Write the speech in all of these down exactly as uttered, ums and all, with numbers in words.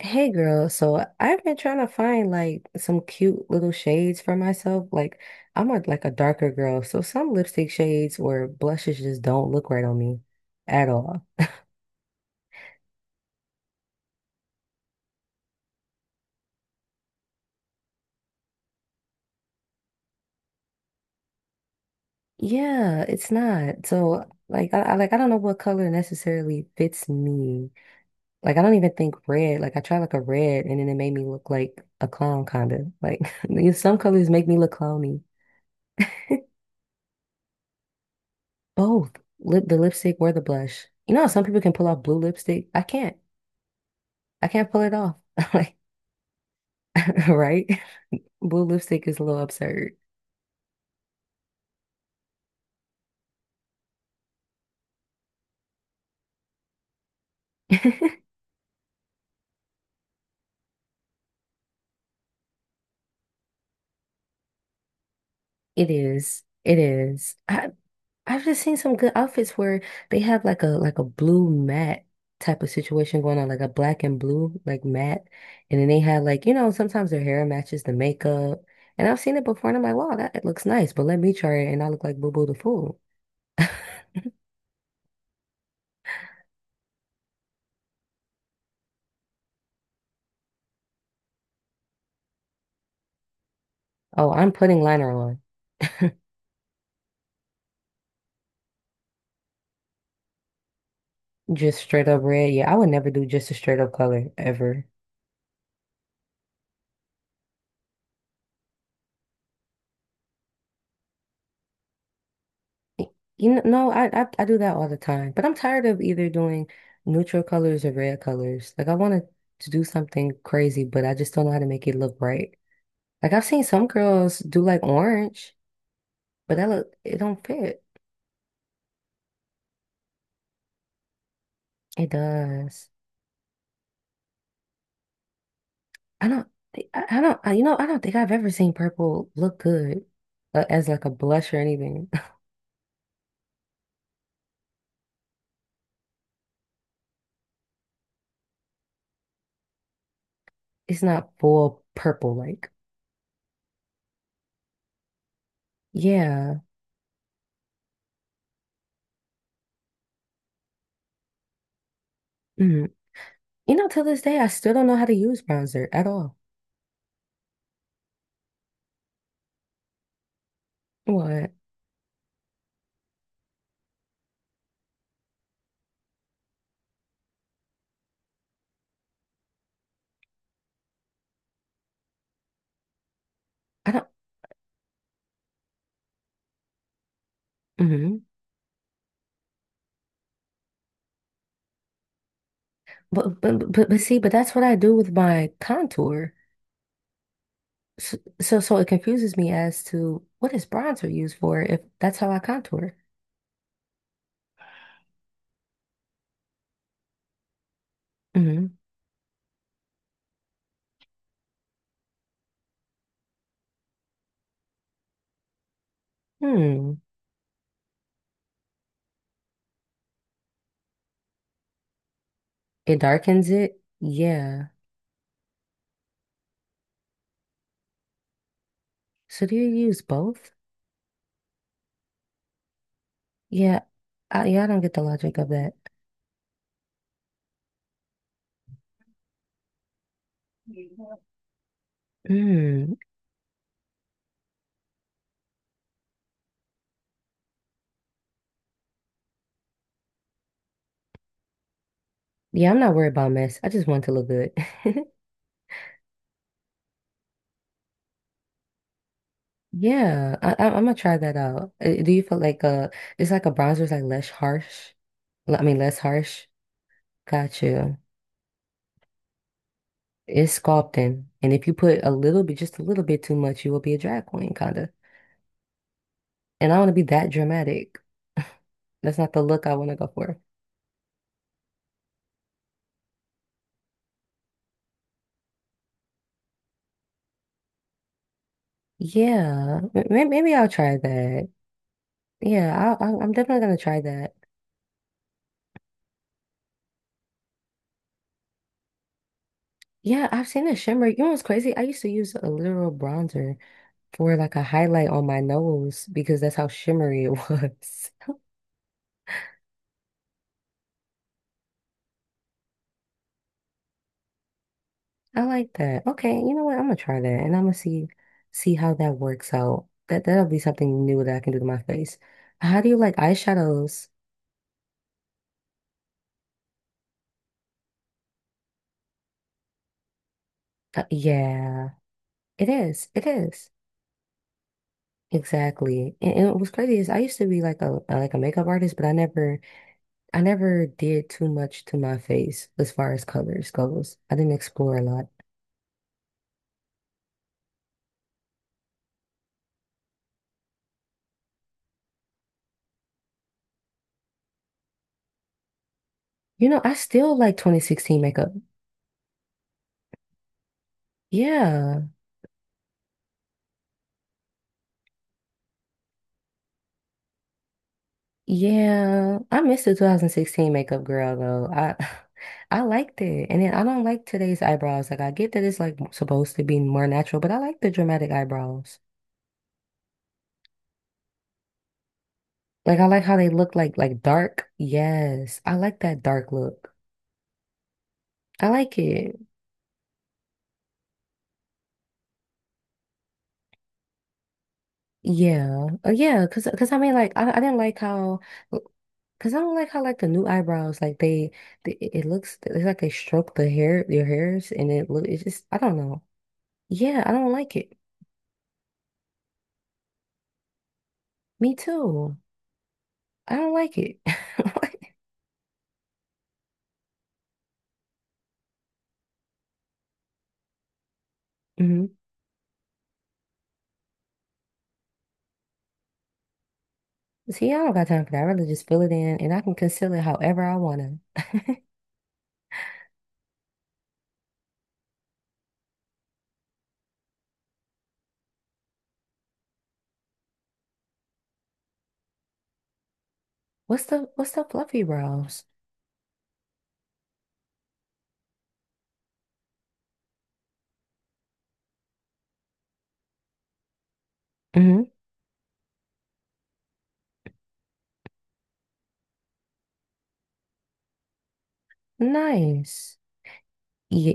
Hey girl, so I've been trying to find like some cute little shades for myself. Like I'm a like a darker girl, so some lipstick shades or blushes just don't look right on me at all. Yeah, it's not. So like I, I like I don't know what color necessarily fits me. Like I don't even think red. Like I tried like a red and then it made me look like a clown kind of. Like some colors make me look clowny. Both lip the lipstick or the blush. You know how some people can pull off blue lipstick? I can't. I can't pull it off. Like, right? Blue lipstick is a little absurd. It is. It is. I I've just seen some good outfits where they have like a like a blue matte type of situation going on, like a black and blue like matte, and then they have like you know sometimes their hair matches the makeup, and I've seen it before, and I'm like, wow, that it looks nice, but let me try it, and I look like Boo Boo the fool. Oh, I'm putting liner on, just straight up red. Yeah, I would never do just a straight up color ever. You know, no, I, I I do that all the time, but I'm tired of either doing neutral colors or red colors. Like I wanted to do something crazy, but I just don't know how to make it look right. Like I've seen some girls do like orange, but that look it don't fit. It does. I don't. thi- I, I don't. I, you know, I don't think I've ever seen purple look good uh, as like a blush or anything. It's not full purple like. Yeah. Mm. You know, till this day, I still don't know how to use bronzer at all. What? I don't. Mhm. But, but but but see, but that's what I do with my contour. So so, so it confuses me as to what is bronzer used for if that's how I contour. Hmm Hmm. It darkens it. Yeah. So do you use both? Yeah. I, yeah, I don't get the logic of that. Mm. Yeah, I'm not worried about mess. I just want to look good. Yeah, I, I, I'm gonna try that out. Uh, Do you feel like uh, it's like a bronzer is like less harsh? L- I mean, less harsh. Got you. It's sculpting. And if you put a little bit, just a little bit too much, you will be a drag queen, kind of. And I want to be that dramatic. That's not the look I want to go for. Yeah, maybe, maybe I'll try that. Yeah, I'll, I'll- I'm definitely gonna try that. Yeah, I've seen a shimmer. You know what's crazy? I used to use a literal bronzer for like a highlight on my nose because that's how shimmery it was. I like that. Okay, you know what? I'm gonna try that and I'm gonna see see how that works out. That that'll be something new that I can do to my face. How do you like eyeshadows? Uh, yeah, it is. It is. Exactly. And, and what's crazy is I used to be like a uh, like a makeup artist, but I never I never did too much to my face as far as colors goes. I didn't explore a lot. You know, I still like twenty sixteen makeup. Yeah. Yeah, I missed the twenty sixteen makeup girl though. I I liked it. And then I don't like today's eyebrows. Like I get that it's like supposed to be more natural, but I like the dramatic eyebrows. Like I like how they look like like dark. Yes. I like that dark look. I like it. Yeah. Uh, yeah, cuz cuz I mean like I I didn't like how cuz I don't like how like the new eyebrows like they, they it it looks it's like they stroke the hair your hairs and it look it's just I don't know. Yeah, I don't like it. Me too. I don't like it. Hmm. See, I don't got time for that. I'd rather just fill it in and I can conceal it however I want to. What's the what's the fluffy brows? Hmm. Nice. Yeah,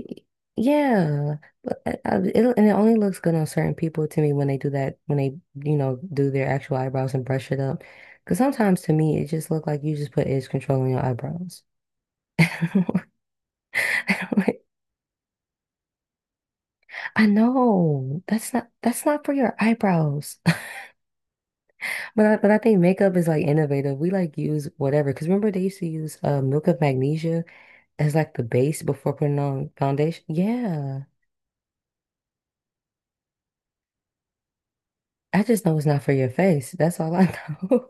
yeah. But I, I, it, and it only looks good on certain people to me when they do that, when they, you know, do their actual eyebrows and brush it up. Because sometimes to me, it just look like you just put edge control on your eyebrows. I know. That's not that's not for your eyebrows. But I, but I think makeup is like innovative. We like use whatever. Because remember they used to use uh, milk of magnesia as like the base before putting on foundation. Yeah, I just know it's not for your face. That's all I know.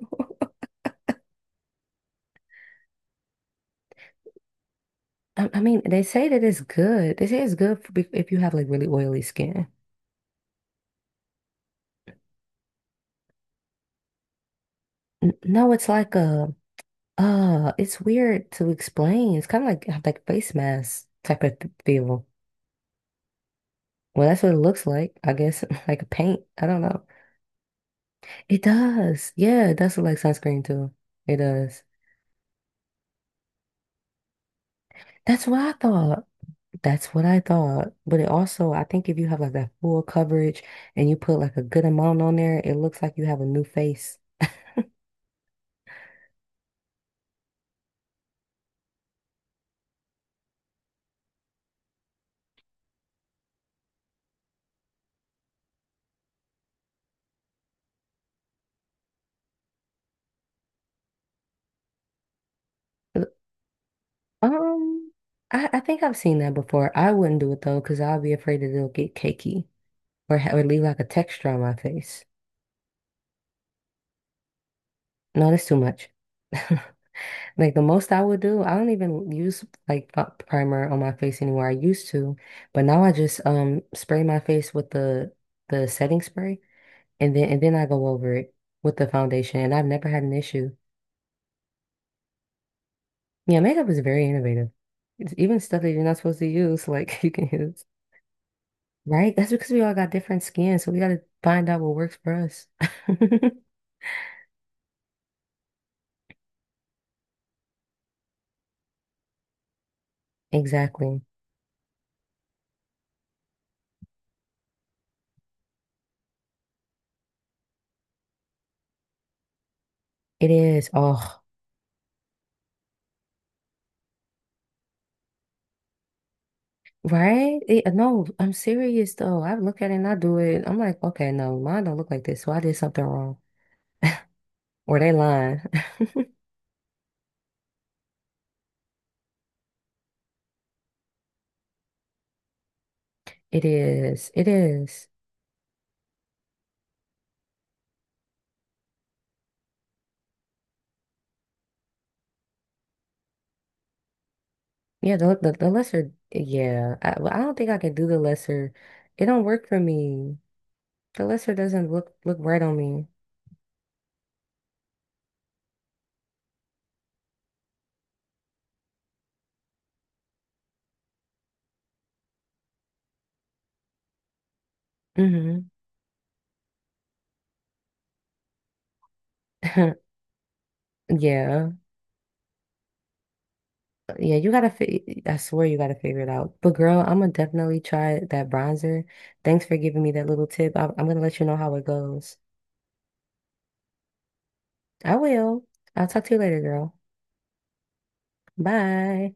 I, I mean, they say that it's good. They say it's good for, be- if you have like really oily skin. N- No, it's like a uh, it's weird to explain. It's kind of like like face mask type of th- feel. Well, that's what it looks like, I guess, like a paint. I don't know. It does. Yeah, it does look like sunscreen too. It does. That's what I thought. That's what I thought. But it also, I think if you have like that full coverage and you put like a good amount on there, it looks like you have a new face. Uh, Um, I, I think I've seen that before. I wouldn't do it though, because I'll be afraid that it'll get cakey or ha- or leave like a texture on my face. No, that's too much. Like the most I would do, I don't even use like pu- primer on my face anymore. I used to, but now I just um spray my face with the the setting spray and then and then I go over it with the foundation and I've never had an issue. Yeah, makeup is very innovative. It's even stuff that you're not supposed to use, like you can use. Right? That's because we all got different skin, so we gotta find out what works for us. Exactly. It is. Oh. Right? It, no, I'm serious though. I look at it and I do it. I'm like, okay, no, mine don't look like this, so I did something wrong. Or they lying. It is. It is. Yeah, the the, the lesser. Yeah, I, well, I don't think I can do the lesser. It don't work for me. The lesser doesn't look look right on me. Hmm. Yeah. Yeah, you gotta fi I swear you gotta figure it out. But girl, I'm gonna definitely try that bronzer. Thanks for giving me that little tip. I, I'm gonna let you know how it goes. I will. I'll talk to you later, girl. Bye.